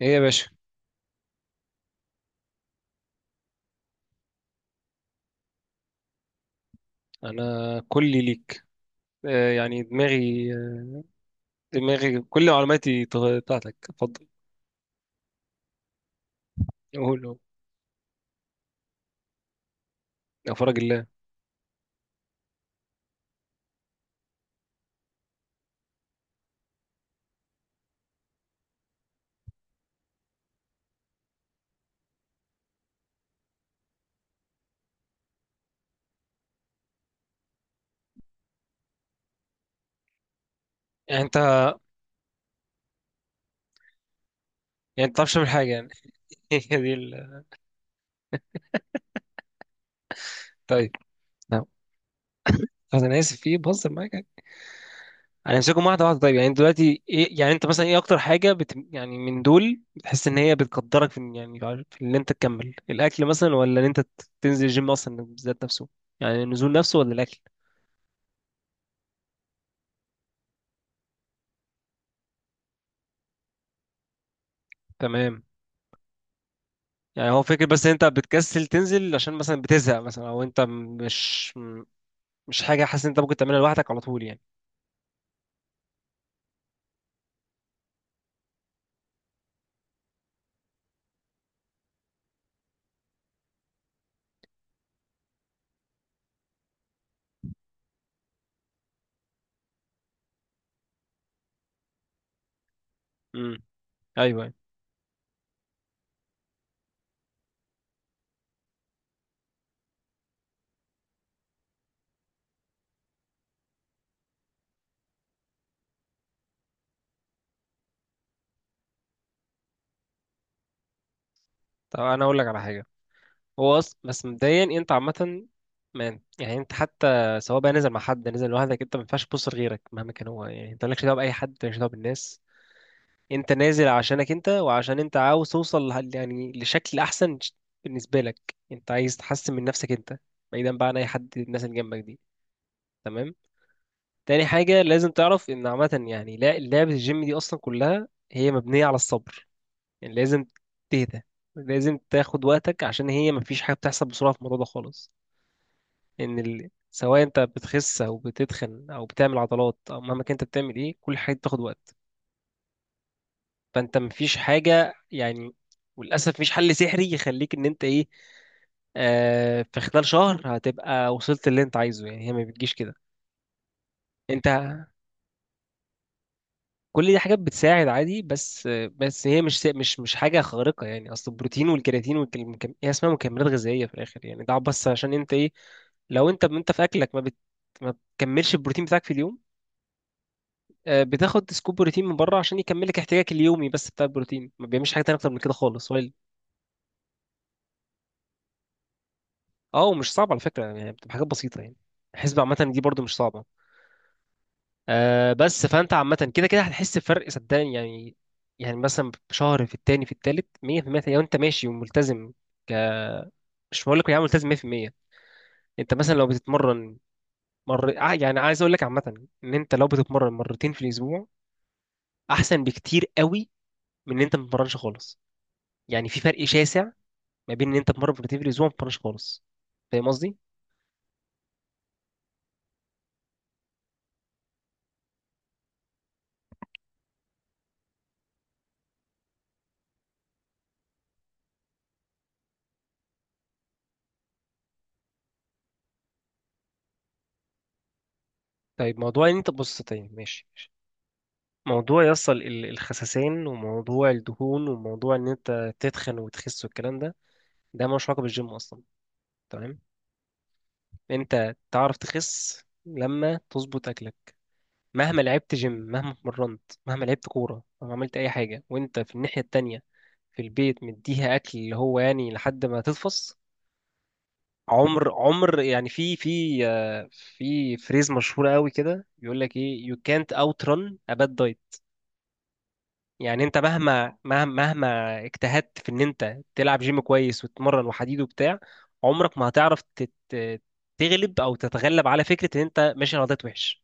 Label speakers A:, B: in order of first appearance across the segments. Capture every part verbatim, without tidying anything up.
A: ايه يا باشا. انا كلي ليك. آه يعني دماغي، دماغي كل معلوماتي تغ- بتاعتك، اتفضل. قول قول. يا فرج الله. يعني انت يعني انت بتعرفش تعمل حاجه يعني هي دي ال... طيب. نعم. طب انا اسف في إيه؟ بهزر معاك يعني. هنمسكهم واحده واحده، طيب. يعني دلوقتي ايه؟ يعني انت مثلا ايه اكتر حاجه بت... يعني من دول بتحس ان هي بتقدرك في إن- يعني في ان انت تكمل الاكل، مثلا، ولا ان انت ت- تنزل الجيم اصلا بالذات نفسه؟ يعني النزول نفسه ولا الاكل؟ تمام. يعني هو فكرة، بس انت بتكسل تنزل عشان مثلا بتزهق مثلا، او انت مش مش حاجة، حاسس ان انت ممكن تعملها لوحدك على طول يعني. امم. ايوه ايوه. طب انا اقول لك على حاجة. هو أص... بس مبدئيا انت عامة، ما يعني انت حتى، سواء بقى نزل مع حد نزل لوحدك، انت ما ينفعش تبص لغيرك مهما كان هو. يعني انت مالكش دعوة بأي حد، مالكش دعوة بالناس. انت نازل عشانك انت، وعشان انت عاوز توصل لح- يعني لشكل احسن ش- بالنسبة لك. انت عايز تحسن من نفسك انت، بعيدا بقى عن اي حد، الناس اللي جنبك دي. تمام. تاني حاجة لازم تعرف إن عامة يعني، لا- لعبة الجيم دي أصلا كلها هي مبنية على الصبر. يعني لازم تهدى، لازم تاخد وقتك، عشان هي مفيش حاجة بتحصل بسرعة في الموضوع ده خالص. إن ال... سواء أنت بتخس أو بتتخن أو بتعمل عضلات أو مهما كنت بتعمل إيه، كل حاجة بتاخد وقت. فأنت مفيش حاجة يعني، وللأسف مفيش حل سحري يخليك إن أنت إيه، آه في خلال شهر هتبقى وصلت اللي أنت عايزه. يعني هي ما بتجيش كده. أنت كل دي حاجات بتساعد عادي، بس بس هي مش مش مش حاجه خارقه يعني. اصل البروتين والكرياتين والمكم... هي اسمها مكملات غذائيه في الاخر. يعني ده بس عشان انت ايه، لو انت انت في اكلك ما بت... ما بتكملش البروتين بتاعك في اليوم، آه، بتاخد سكوب بروتين من بره عشان يكملك احتياجك اليومي، بس. بتاع البروتين ما بيعملش حاجه تانية اكتر من كده خالص. هو ال- اه. ومش صعب على فكره، يعني بتبقى حاجات بسيطه يعني. الحسبه عامه دي برضو مش صعبه. آه، بس فانت عامه كده كده هتحس بفرق، صدقني يعني. يعني مثلا شهر في التاني في التالت، مية بالمية لو انت ماشي وملتزم. ك مش بقول لك يعني ملتزم مئة بالمئة. انت مثلا لو بتتمرن، مر ع- يعني عايز اقول لك عامه، ان انت لو بتتمرن مرتين في الاسبوع احسن بكتير قوي من ان انت ما بتتمرنش خالص. يعني في فرق شاسع ما بين ان انت تتمرن مرتين في الاسبوع وما بتتمرنش خالص. فاهم قصدي؟ طيب موضوع ان انت، بص طيب ماشي، موضوع يصل ال- الخسسان وموضوع الدهون وموضوع ان انت تتخن وتخس والكلام ده، ده ملوش علاقه بالجيم اصلا. تمام. انت تعرف تخس لما تظبط اكلك. مهما لعبت جيم، مهما اتمرنت، مهما لعبت كوره، مهما عملت اي حاجه، وانت في الناحيه التانية في البيت مديها اكل اللي هو يعني لحد ما تتفص. عمر عمر يعني، في في آه، في فريز مشهوره قوي كده بيقول لك ايه، you can't outrun a bad diet. يعني انت مهما مهما مهما اجتهدت في ان انت تلعب جيم كويس، وتتمرن، وحديد وبتاع، عمرك ما هتعرف تت- تغلب او تتغلب على فكره ان انت ماشي على دايت وحش.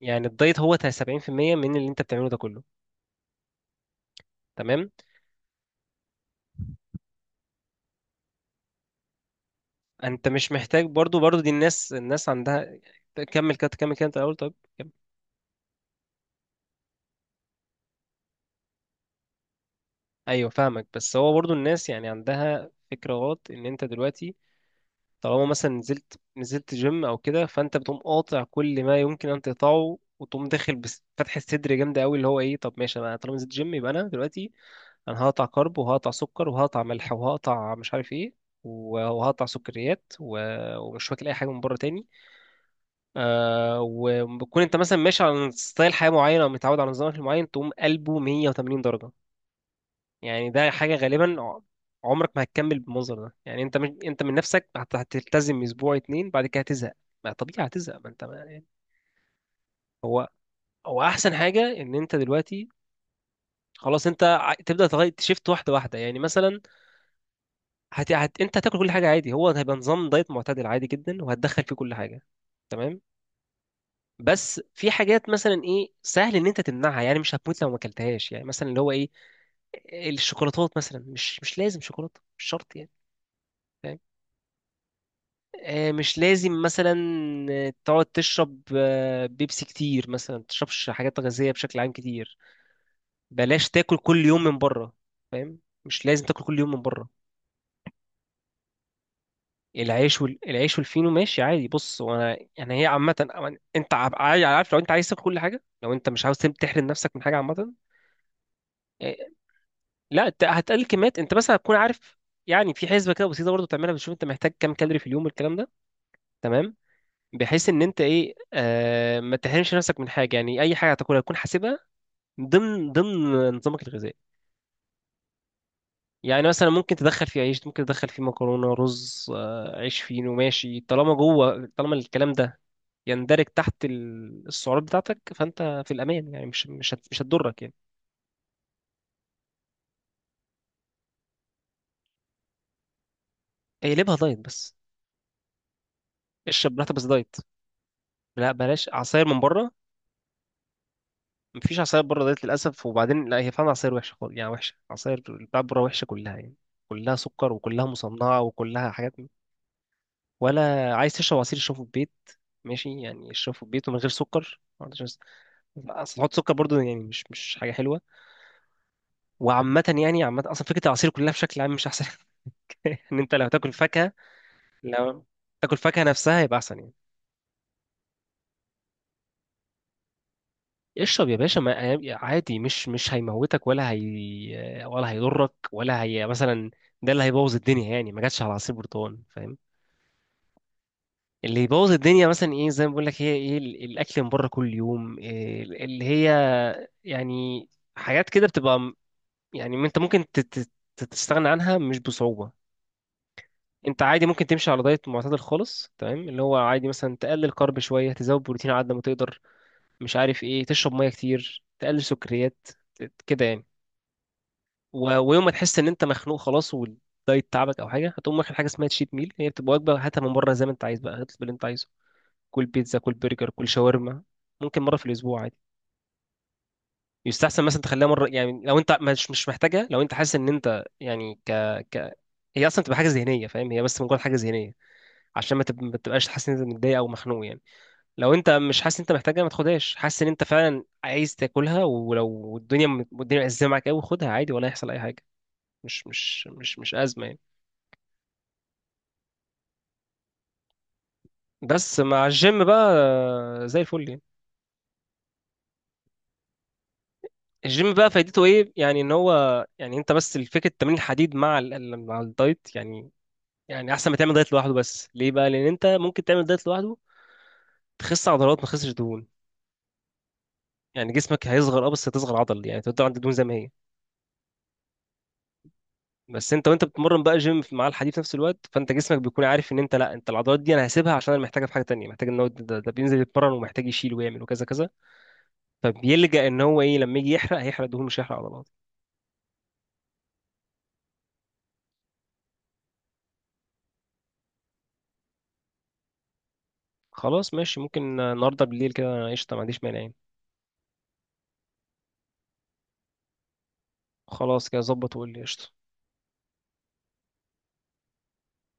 A: يعني الدايت هو سبعين بالمية من اللي انت بتعمله ده كله. تمام. انت مش محتاج برضو، برضو دي الناس، الناس عندها كمل كده، كمل كده، انت الاول طيب، كمل. ايوه فاهمك، بس هو برضو الناس يعني عندها فكره غلط. ان انت دلوقتي، طالما مثلا نزلت نزلت جيم او كده، فانت بتقوم قاطع كل ما يمكن ان تقطعه، وتقوم داخل بس فتح الصدر جامده قوي. اللي هو ايه، طب ماشي انا طالما نزلت جيم، يبقى انا دلوقتي انا هقطع كارب، وهقطع سكر، وهقطع ملح، وهقطع مش عارف ايه، و- وهقطع سكريات، و- ومش واكل اي حاجه من بره تاني. آه، وبتكون انت مثلا ماشي على ستايل حياه معين، او متعود على نظام أكل معين، تقوم قلبه مية وتمانين درجه. يعني ده حاجة غالبا ع- عمرك ما هتكمل بالمنظر ده. يعني انت مش انت من نفسك هت- هتلتزم اسبوع اتنين بعد كده هتزهق. ما طبيعي هتزهق، ما انت ما يعني. هو هو احسن حاجة ان انت دلوقتي خلاص، انت ع- تبدأ تغير تشيفت واحدة واحدة. يعني مثلا هت... هت... انت هتاكل كل حاجة عادي، هو هيبقى نظام دايت معتدل عادي جدا، وهتدخل فيه كل حاجة. تمام. بس في حاجات مثلا ايه، سهل ان انت تمنعها، يعني مش هتموت لو ما اكلتهاش. يعني مثلا اللي هو ايه، الشوكولاتات مثلا، مش مش لازم شوكولاته، مش شرط يعني. آه، مش لازم مثلا آه، تقعد تشرب آه، بيبسي كتير مثلا. ما تشربش حاجات غازية بشكل عام كتير. بلاش تاكل كل يوم من بره. فاهم؟ مش لازم تاكل كل يوم من بره. العيش وال... العيش والفينو ماشي عادي. بص، وانا يعني هي عامة، أو- انت عب- عاي- عارف، لو انت عايز تاكل كل حاجة، لو انت مش عاوز تم- تحرم نفسك من حاجة عامة، آه، لا ت- هتقلل كميات. انت مثلا هتكون عارف، يعني في حسبة كده بسيطة برضه تعملها، بتشوف انت محتاج كام كالوري في اليوم والكلام ده. تمام. بحيث ان انت ايه، آه، ما تحرمش نفسك من حاجه. يعني اي حاجه هتاكلها تكون حاسبها ضمن ضمن نظامك الغذائي. يعني مثلا ممكن تدخل فيه عيش، ممكن تدخل فيه مكرونه، رز، آه، عيش فينو ماشي، طالما جوه، طالما الكلام ده يندرج تحت ال- السعرات بتاعتك، فانت في الامان يعني. مش مش هت- مش هتضرك يعني. اقلبها دايت بس. اشرب براحتك بس دايت. لا، بلاش عصاير من بره. مفيش عصاير بره دايت للاسف. وبعدين لا، هي فعلا عصاير وحشه خالص. يعني وحشه، عصاير بتاعت بره وحشه كلها يعني. كلها سكر، وكلها مصنعة، وكلها حاجات. ولا عايز تشرب عصير اشربه في البيت، ماشي؟ يعني اشربه في البيت ومن غير سكر، ما عندوش ناس-. اصل تحط سكر برضو يعني، مش مش حاجه حلوه. وعامه يعني، عامه اصلا فكره العصير كلها بشكل عام مش احسن. ان انت لو تاكل فاكهه، لو تاكل فاكهه نفسها يبقى احسن يعني. اشرب يا باشا، ما عادي. مش مش هيموتك ولا هي، ولا هيضرك ولا هي مثلا. ده اللي هيبوظ الدنيا يعني، ما جاتش على عصير برتقال، فاهم؟ اللي يبوظ الدنيا مثلا ايه، زي ما بقول لك، هي ايه ال- الاكل من بره كل يوم، إيه ال- اللي هي يعني حاجات كده بتبقى م- يعني انت ممكن ت- ت- ت- تستغنى عنها مش بصعوبة. انت عادي ممكن تمشي على دايت معتدل خالص، تمام، اللي هو عادي، مثلا تقلل كارب شوية، تزود بروتين على قد ما تقدر، مش عارف ايه، تشرب مية كتير، تقلل سكريات، ت- كده يعني. و- ويوم ما تحس ان انت مخنوق خلاص، والدايت تعبك او حاجه، هتقوم واخد حاجه اسمها تشيت ميل. هي بتبقى وجبه هاتها من بره زي ما انت عايز بقى، اطلب اللي انت عايزه، كل بيتزا، كل برجر، كل شاورما. ممكن مره في الاسبوع عادي. يستحسن مثلا تخليها مره. يعني لو انت مش مش محتاجها، لو انت حاسس ان انت يعني ك ك هي اصلا تبقى حاجه ذهنيه، فاهم؟ هي بس مجرد حاجه ذهنيه، عشان ما تب- ما تبقاش حاسس ان انت متضايق او مخنوق يعني. لو انت مش حاسس ان انت محتاجها ما تاخدهاش. حاسس ان انت فعلا عايز تاكلها ولو الدنيا، الدنيا مأزمة معاك قوي، خدها عادي، ولا هيحصل اي حاجه. مش مش مش مش ازمه يعني. بس مع الجيم بقى، آه، زي الفل يعني. الجيم بقى فايدته ايه يعني، ان هو يعني انت بس فكره تمرين الحديد مع ال... ال- مع الدايت يعني. يعني احسن ما تعمل دايت لوحده، بس ليه بقى؟ لان انت ممكن تعمل دايت لوحده تخس عضلات ما تخسش دهون. يعني جسمك هيصغر اه، بس هتصغر عضل، يعني تفضل عند الدهون زي ما هي. بس انت وانت بتتمرن بقى جيم في- مع الحديد في نفس الوقت، فانت جسمك بيكون عارف ان انت لا، انت العضلات دي انا هسيبها عشان انا محتاجها في حاجه تانية، محتاج ان هو ده, ده بينزل يتمرن، ومحتاج يشيل ويعمل وكذا كذا. فبيلجأ ان هو ايه، لما يجي يحرق، هيحرق دهون مش هيحرق عضلات. خلاص ماشي، ممكن النهارده بالليل كده، أنا قشطه ما عنديش مانع يعني. خلاص كده ظبط، وقول لي. قشطة.